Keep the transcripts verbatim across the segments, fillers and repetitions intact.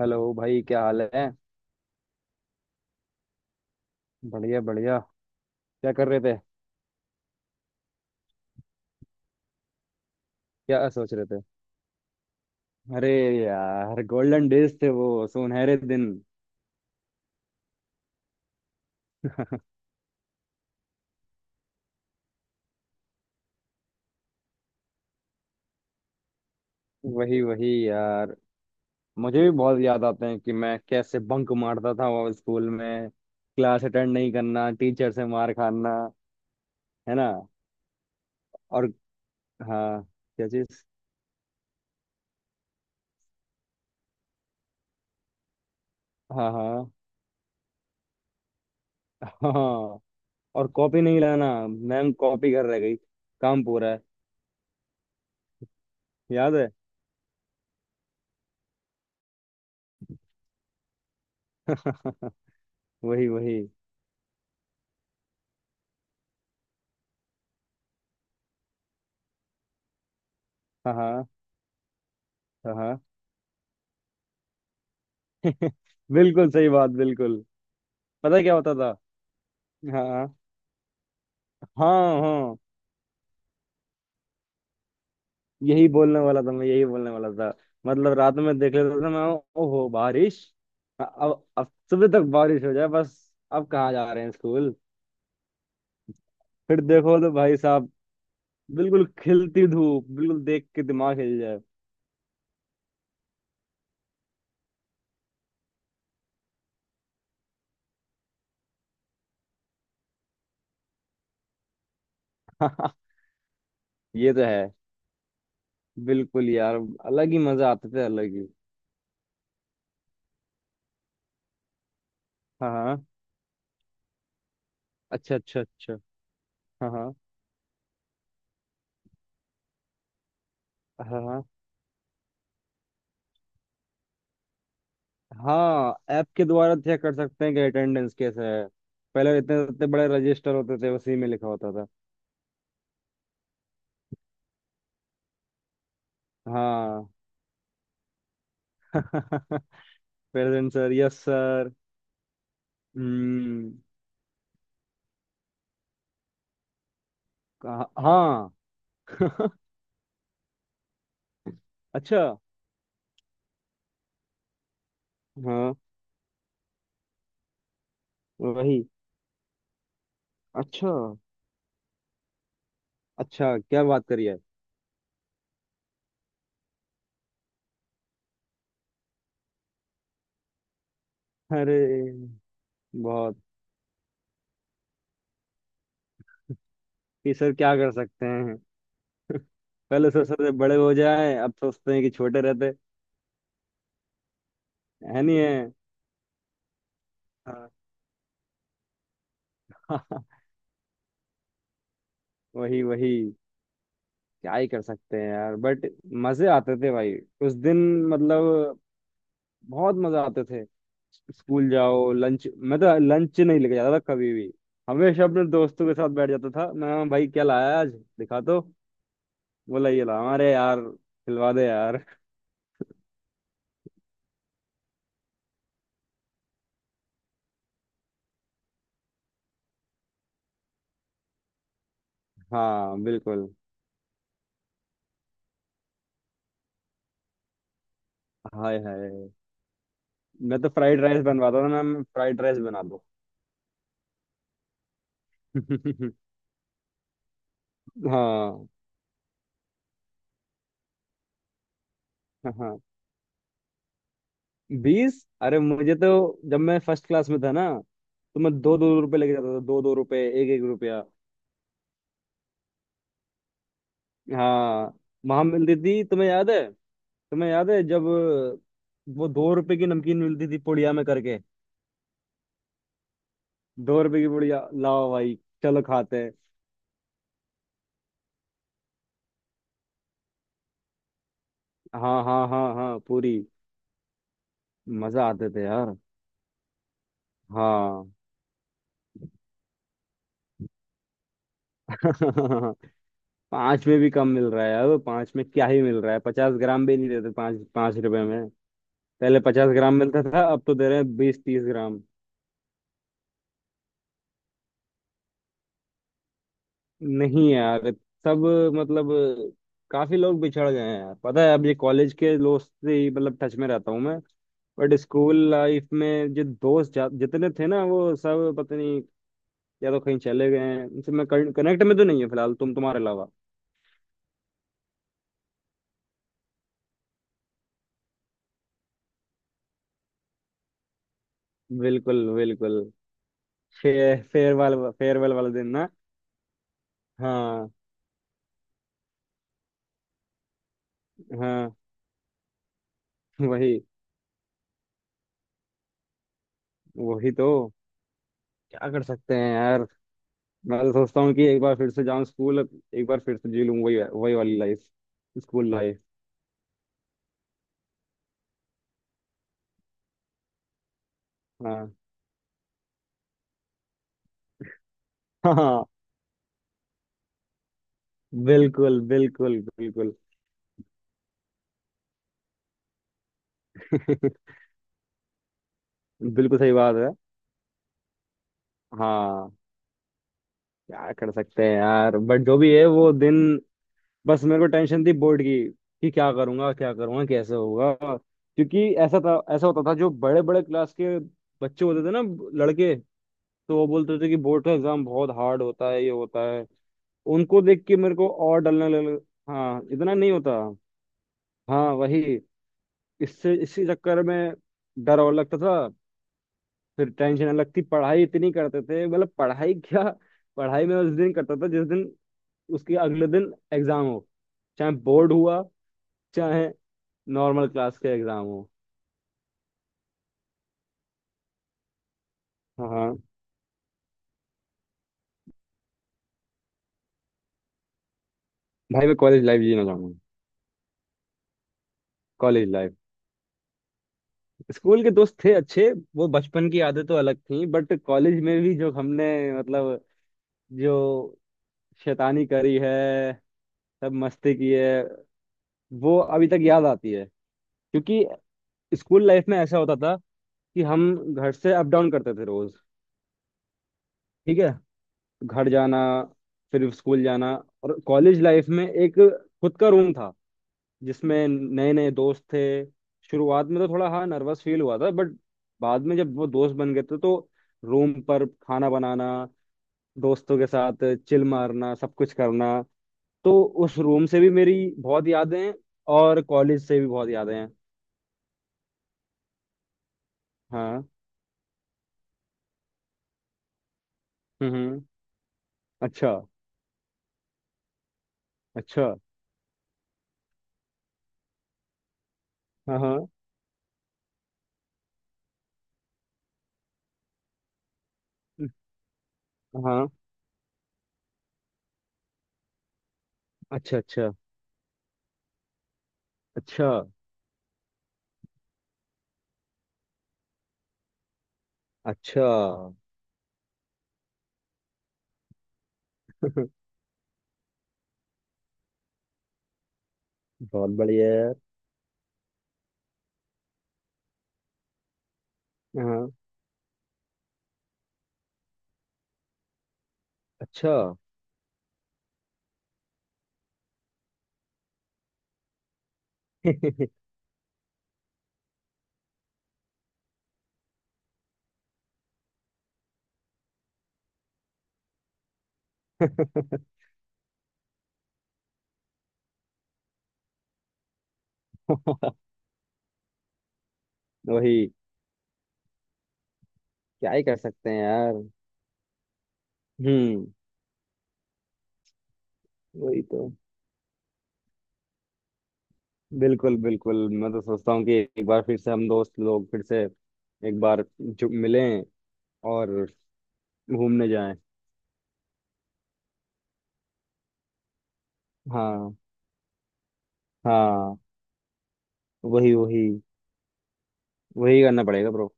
Hello भाई, क्या हाल है। बढ़िया बढ़िया। क्या कर रहे थे। क्या सोच रहे थे। अरे यार, गोल्डन डेज थे वो, सुनहरे दिन। वही वही यार, मुझे भी बहुत याद आते हैं कि मैं कैसे बंक मारता था वो, स्कूल में क्लास अटेंड नहीं करना, टीचर से मार खाना। है ना। और, हाँ। क्या चीज। हाँ हाँ। हाँ हाँ। और कॉपी नहीं लाना, मैम कॉपी कर रह गई, काम पूरा है। याद है। वही वही। हाँ हाँ। हाँ हाँ। बिल्कुल सही बात, बिल्कुल। पता है क्या होता था। हाँ हाँ हाँ। यही बोलने वाला था मैं, यही बोलने वाला था। मतलब रात में देख लेता था मैं, ओहो बारिश। अब अब सुबह तक बारिश हो जाए बस। अब कहाँ जा रहे हैं स्कूल। फिर देखो तो भाई साहब, बिल्कुल खिलती धूप, बिल्कुल देख के दिमाग हिल जाए। ये तो है। बिल्कुल यार, अलग ही मजा आते थे, अलग ही। हाँ हाँ। अच्छा अच्छा अच्छा। हाँ हाँ हाँ हाँ, ऐप के द्वारा चेक कर सकते हैं कि अटेंडेंस कैसा है। पहले इतने इतने बड़े रजिस्टर होते थे, उसी में लिखा होता था। हाँ। Present sir, yes sir. हम्म। कहाँ- हाँ। अच्छा। हाँ, वही। अच्छा अच्छा, क्या बात करी है। अरे, बहुत। कि सर क्या कर सकते हैं। पहले सोचते थे बड़े हो जाए, अब सोचते हैं कि छोटे रहते। है नहीं है। हाँ। वही वही। क्या ही कर सकते हैं यार, बट मजे आते थे भाई, उस दिन। मतलब बहुत मजा आते थे। स्कूल जाओ लंच, मैं तो लंच नहीं लेके जाता था कभी भी, हमेशा अपने दोस्तों के साथ बैठ जाता था, मैं भाई क्या लाया है आज, दिखा तो, बोला ये ला हमारे यार, खिलवा दे यार। हाँ बिल्कुल। हाय हाय। मैं तो फ्राइड राइस बनवाता था, मैम फ्राइड राइस बना दो। हाँ हाँ। बीस, अरे मुझे तो, जब मैं फर्स्ट क्लास में था ना, तो मैं दो दो रुपए लेके जाता था, दो दो रुपए, एक एक रुपया। हाँ। वहां मिलती थी, तुम्हें याद है, तुम्हें याद है जब, वो दो रुपए की नमकीन मिलती थी पुड़िया में करके, दो रुपए की पुड़िया लाओ भाई, चलो खाते हैं। हाँ हाँ हाँ हाँ पूरी। मजा आते थे यार। हाँ। पांच में भी कम मिल रहा है, अब पांच में क्या ही मिल रहा है, पचास ग्राम भी नहीं देते पांच पांच रुपए में। पहले पचास ग्राम मिलता था, अब तो दे रहे हैं बीस तीस ग्राम। नहीं यार। सब, मतलब काफी लोग बिछड़ गए हैं यार, पता है अब ये कॉलेज के दोस्त से ही मतलब टच में रहता हूँ मैं। बट स्कूल लाइफ में जो दोस्त जा- जितने थे ना वो सब पता नहीं, या तो कहीं चले गए हैं, उनसे मैं कनेक्ट में तो नहीं है फिलहाल, तुम तुम्हारे अलावा। बिल्कुल बिल्कुल। फे, फेयरवेल, फेयरवेल वाले दिन ना, हाँ हाँ, वही। वही तो, क्या कर सकते हैं यार। मैं तो सोचता हूँ कि एक बार फिर से जाऊँ स्कूल, एक बार फिर से जी लूँ वही वही वाली लाइफ, स्कूल लाइफ। हाँ। हाँ बिल्कुल बिल्कुल बिल्कुल। बिल्कुल सही बात है। हाँ। क्या कर सकते हैं यार, बट जो भी है वो दिन। बस मेरे को टेंशन थी बोर्ड की, कि क्या करूंगा क्या करूंगा, कैसे होगा। क्योंकि ऐसा था, ऐसा होता था जो बड़े बड़े क्लास के बच्चे होते थे ना, लड़के, तो वो बोलते थे कि बोर्ड का एग्जाम बहुत हार्ड होता है, ये होता है। उनको देख के मेरे को और डलने लग। हाँ इतना नहीं होता। हाँ वही। इससे इसी चक्कर में डर और लगता था। फिर टेंशन नहीं लगती, पढ़ाई इतनी करते थे मतलब, पढ़ाई क्या। पढ़ाई मैं उस दिन करता था, जिस दिन उसके अगले दिन एग्जाम हो। चाहे बोर्ड हुआ, चाहे नॉर्मल क्लास के एग्जाम हो। हाँ। भाई मैं कॉलेज लाइफ जीना चाहूंगा। College life. स्कूल के दोस्त थे अच्छे, वो बचपन की आदतें तो अलग थी, बट कॉलेज में भी जो हमने, मतलब, जो शैतानी करी है, सब मस्ती की है, वो अभी तक याद आती है। क्योंकि स्कूल लाइफ में ऐसा होता था कि हम घर से अप डाउन करते थे रोज, ठीक है, घर जाना, फिर स्कूल जाना। और कॉलेज लाइफ में एक खुद का रूम था, जिसमें नए नए दोस्त थे, शुरुआत में तो थोड़ा हाँ नर्वस फील हुआ था, बट बाद में जब वो दोस्त बन गए थे तो रूम पर खाना बनाना, दोस्तों के साथ चिल मारना, सब कुछ करना। तो उस रूम से भी मेरी बहुत यादें हैं, और कॉलेज से भी बहुत यादें हैं। हाँ। हम्म हम्म, अच्छा अच्छा। हाँ हाँ हाँ। अच्छा अच्छा अच्छा अच्छा। बहुत बढ़िया यार। हाँ। अच्छा। वही। क्या ही कर सकते हैं यार। हम्म। वही तो। बिल्कुल बिल्कुल। मैं तो सोचता हूँ कि एक बार फिर से हम दोस्त लोग फिर से एक बार जो मिलें, और घूमने जाएं। हाँ हाँ। वही वही, वही करना पड़ेगा ब्रो।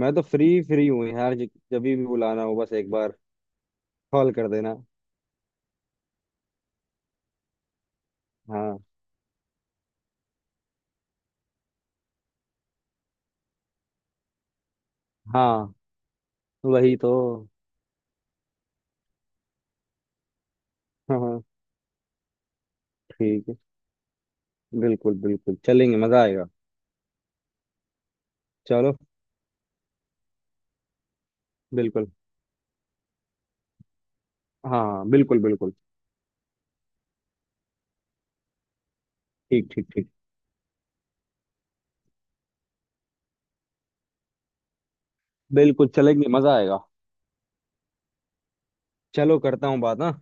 मैं तो फ्री फ्री हूँ यार, ज- जब भी बुलाना हो बस एक बार कॉल कर देना। हाँ हाँ। वही तो। हाँ हाँ, ठीक है, बिल्कुल बिल्कुल चलेंगे, मजा आएगा। चलो। बिल्कुल। हाँ बिल्कुल बिल्कुल। ठीक ठीक ठीक। बिल्कुल चलेंगे, मजा आएगा। चलो करता हूँ बात ना।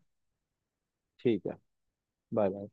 ठीक है। Bye bye.